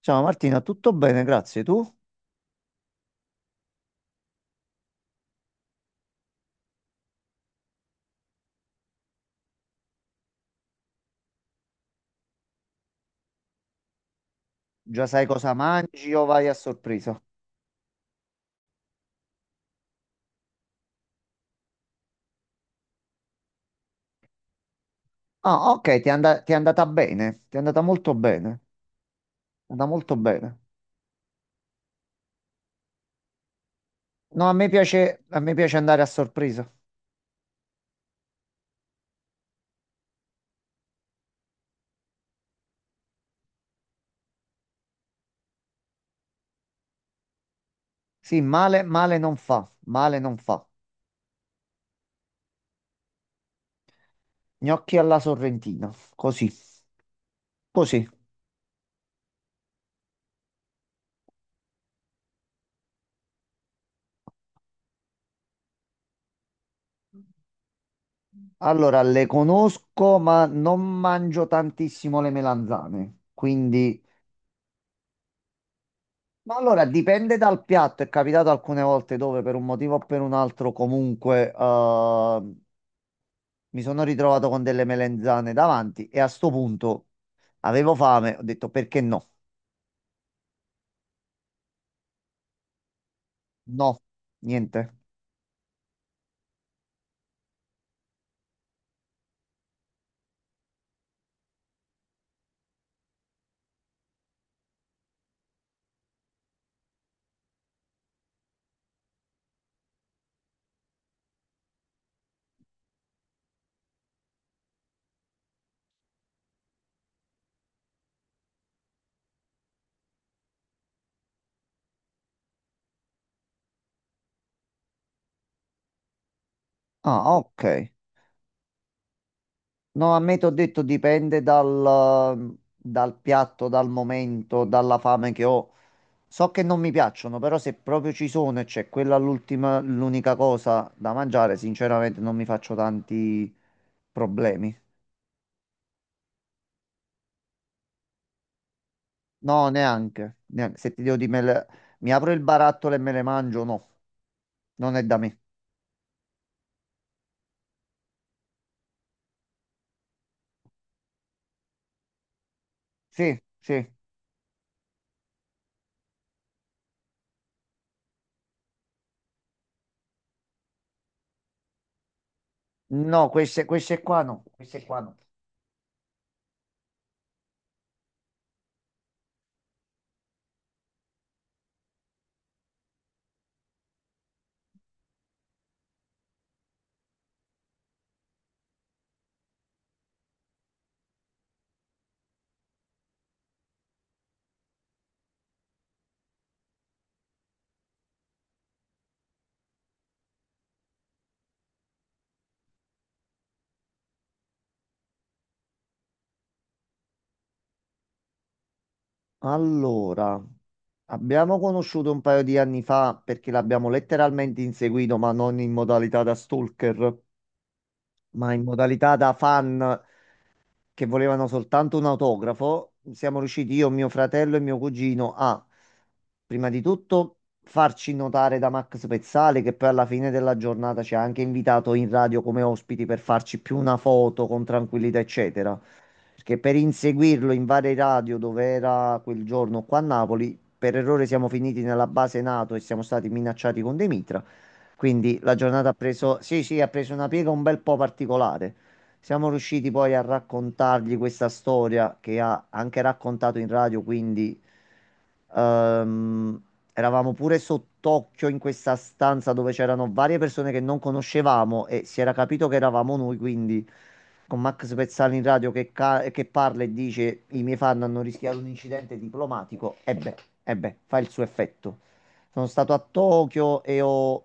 Ciao Martina, tutto bene, grazie. Tu già sai cosa mangi o vai a sorpresa? Ah, ok, ti è andata bene, ti è andata molto bene, è andata molto bene. No, a me piace andare a sorpresa. Sì, male, male non fa, male non fa. Gnocchi alla sorrentina, così, così. Allora, le conosco, ma non mangio tantissimo le melanzane, quindi... Ma allora dipende dal piatto, è capitato alcune volte dove per un motivo o per un altro comunque, mi sono ritrovato con delle melanzane davanti e a sto punto avevo fame, ho detto perché no? No, niente. Ah, ok. No, a me ti ho detto dal piatto, dal momento, dalla fame che ho. So che non mi piacciono, però se proprio ci sono e c'è quella l'ultima, l'unica cosa da mangiare, sinceramente non mi faccio tanti problemi. No, neanche, neanche. Se ti devo dire, mi apro il barattolo e me le mangio, no, non è da me. Sì, sì. No, queste qua no, queste qua no. Allora, abbiamo conosciuto un paio di anni fa perché l'abbiamo letteralmente inseguito, ma non in modalità da stalker, ma in modalità da fan, che volevano soltanto un autografo. Siamo riusciti io, mio fratello e mio cugino a, prima di tutto, farci notare da Max Pezzale, che poi alla fine della giornata ci ha anche invitato in radio come ospiti per farci più una foto con tranquillità, eccetera. Perché per inseguirlo in varie radio dove era quel giorno qua a Napoli, per errore siamo finiti nella base NATO e siamo stati minacciati con dei mitra. Quindi la giornata ha preso, sì, sì, ha preso una piega un bel po' particolare. Siamo riusciti poi a raccontargli questa storia che ha anche raccontato in radio, quindi ehm, eravamo pure sott'occhio in questa stanza dove c'erano varie persone che non conoscevamo e si era capito che eravamo noi, quindi con Max Pezzali in radio che parla e dice i miei fan hanno rischiato un incidente diplomatico, e beh, fa il suo effetto. Sono stato a Tokyo e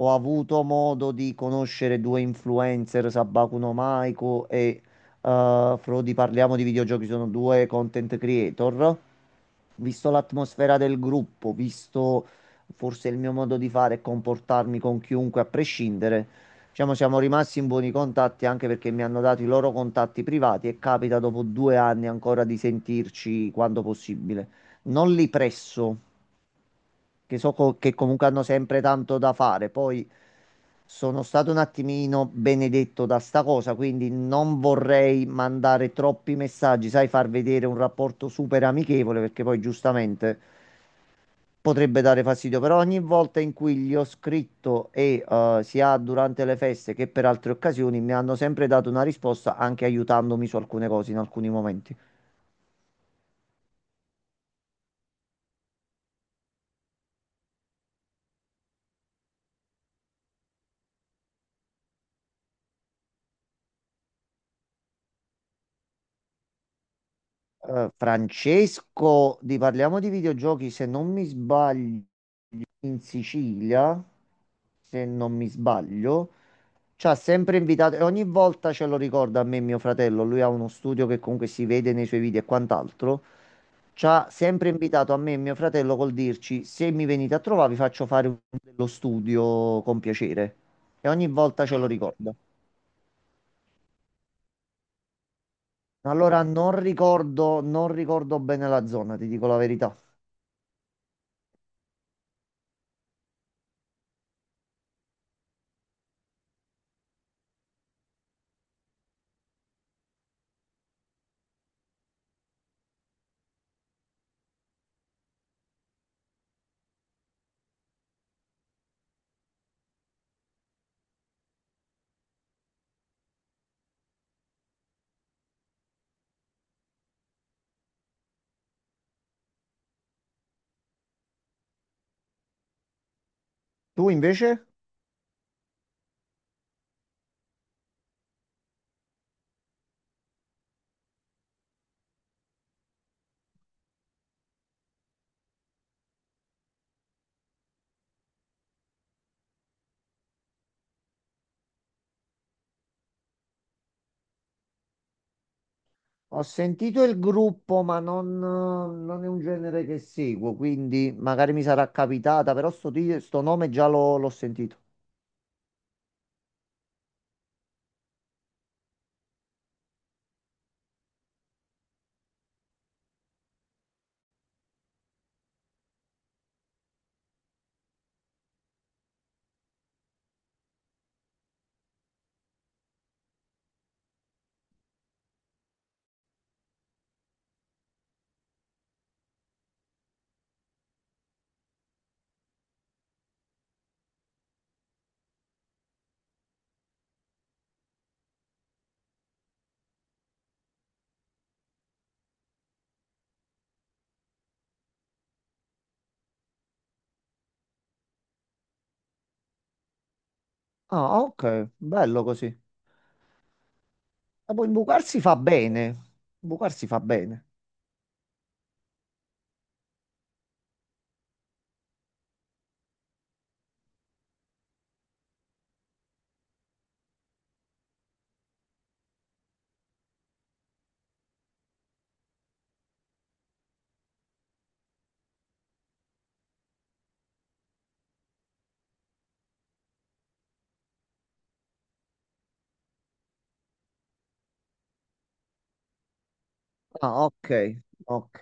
ho avuto modo di conoscere due influencer, Sabaku no Maiko e eh, Frodi Parliamo di Videogiochi, sono due content creator. Visto l'atmosfera del gruppo, visto forse il mio modo di fare e comportarmi con chiunque a prescindere, diciamo siamo rimasti in buoni contatti anche perché mi hanno dato i loro contatti privati e capita dopo due anni ancora di sentirci quando possibile. Non li presso, che comunque hanno sempre tanto da fare. Poi sono stato un attimino benedetto da sta cosa, quindi non vorrei mandare troppi messaggi, sai, far vedere un rapporto super amichevole, perché poi giustamente potrebbe dare fastidio. Però ogni volta in cui gli ho scritto sia durante le feste che per altre occasioni mi hanno sempre dato una risposta, anche aiutandomi su alcune cose in alcuni momenti. Francesco, di parliamo di videogiochi, se non mi sbaglio, in Sicilia, se non mi sbaglio. Ci ha sempre invitato e ogni volta ce lo ricorda a me e mio fratello. Lui ha uno studio che comunque si vede nei suoi video e quant'altro. Ci ha sempre invitato a me e mio fratello col dirci: Se mi venite a trovare, vi faccio fare dello studio con piacere. E ogni volta ce lo, ah, ricorda. Allora non ricordo, non ricordo bene la zona, ti dico la verità. Tu invece? Ho sentito il gruppo, ma non, non è un genere che seguo, quindi magari mi sarà capitata, però sto nome già l'ho sentito. Ah, ok, bello così. Ah, poi imbucarsi fa bene. Imbucarsi fa bene. Ah, ok, ok.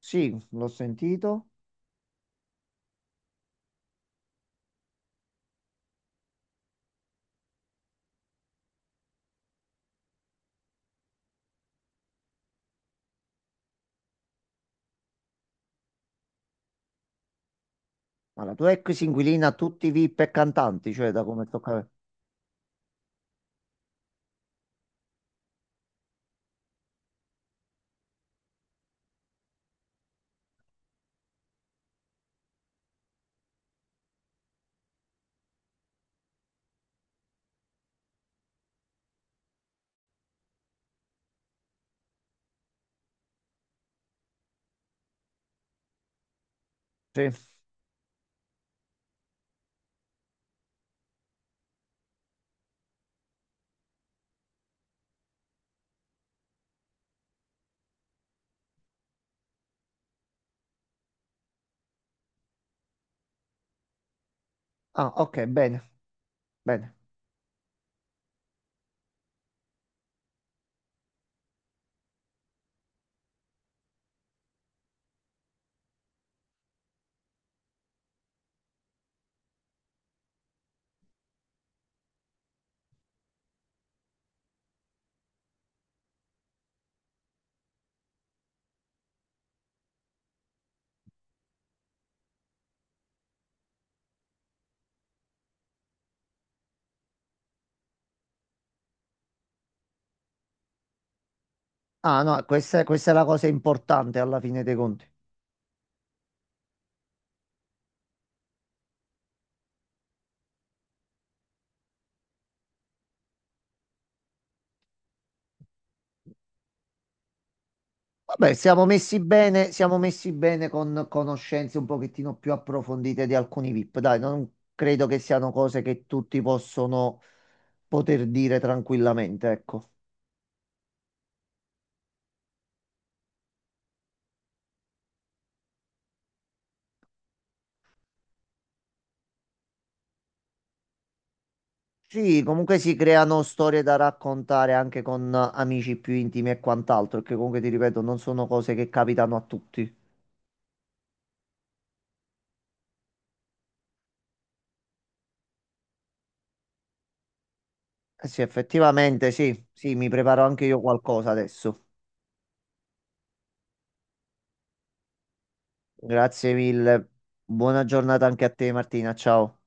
Sì, l'ho sentito. Ma la tua ex inquilina ha tutti i VIP e cantanti, cioè da come toccare. Sì. Ah, ok, bene, bene. Ah, no, questa è la cosa importante alla fine dei conti. Vabbè, siamo messi bene con conoscenze un pochettino più approfondite di alcuni VIP. Dai, non credo che siano cose che tutti possono poter dire tranquillamente, ecco. Sì, comunque si creano storie da raccontare anche con amici più intimi e quant'altro, che comunque ti ripeto, non sono cose che capitano a tutti. Eh sì, effettivamente sì, sì, mi preparo anche io qualcosa adesso. Grazie mille. Buona giornata anche a te, Martina. Ciao.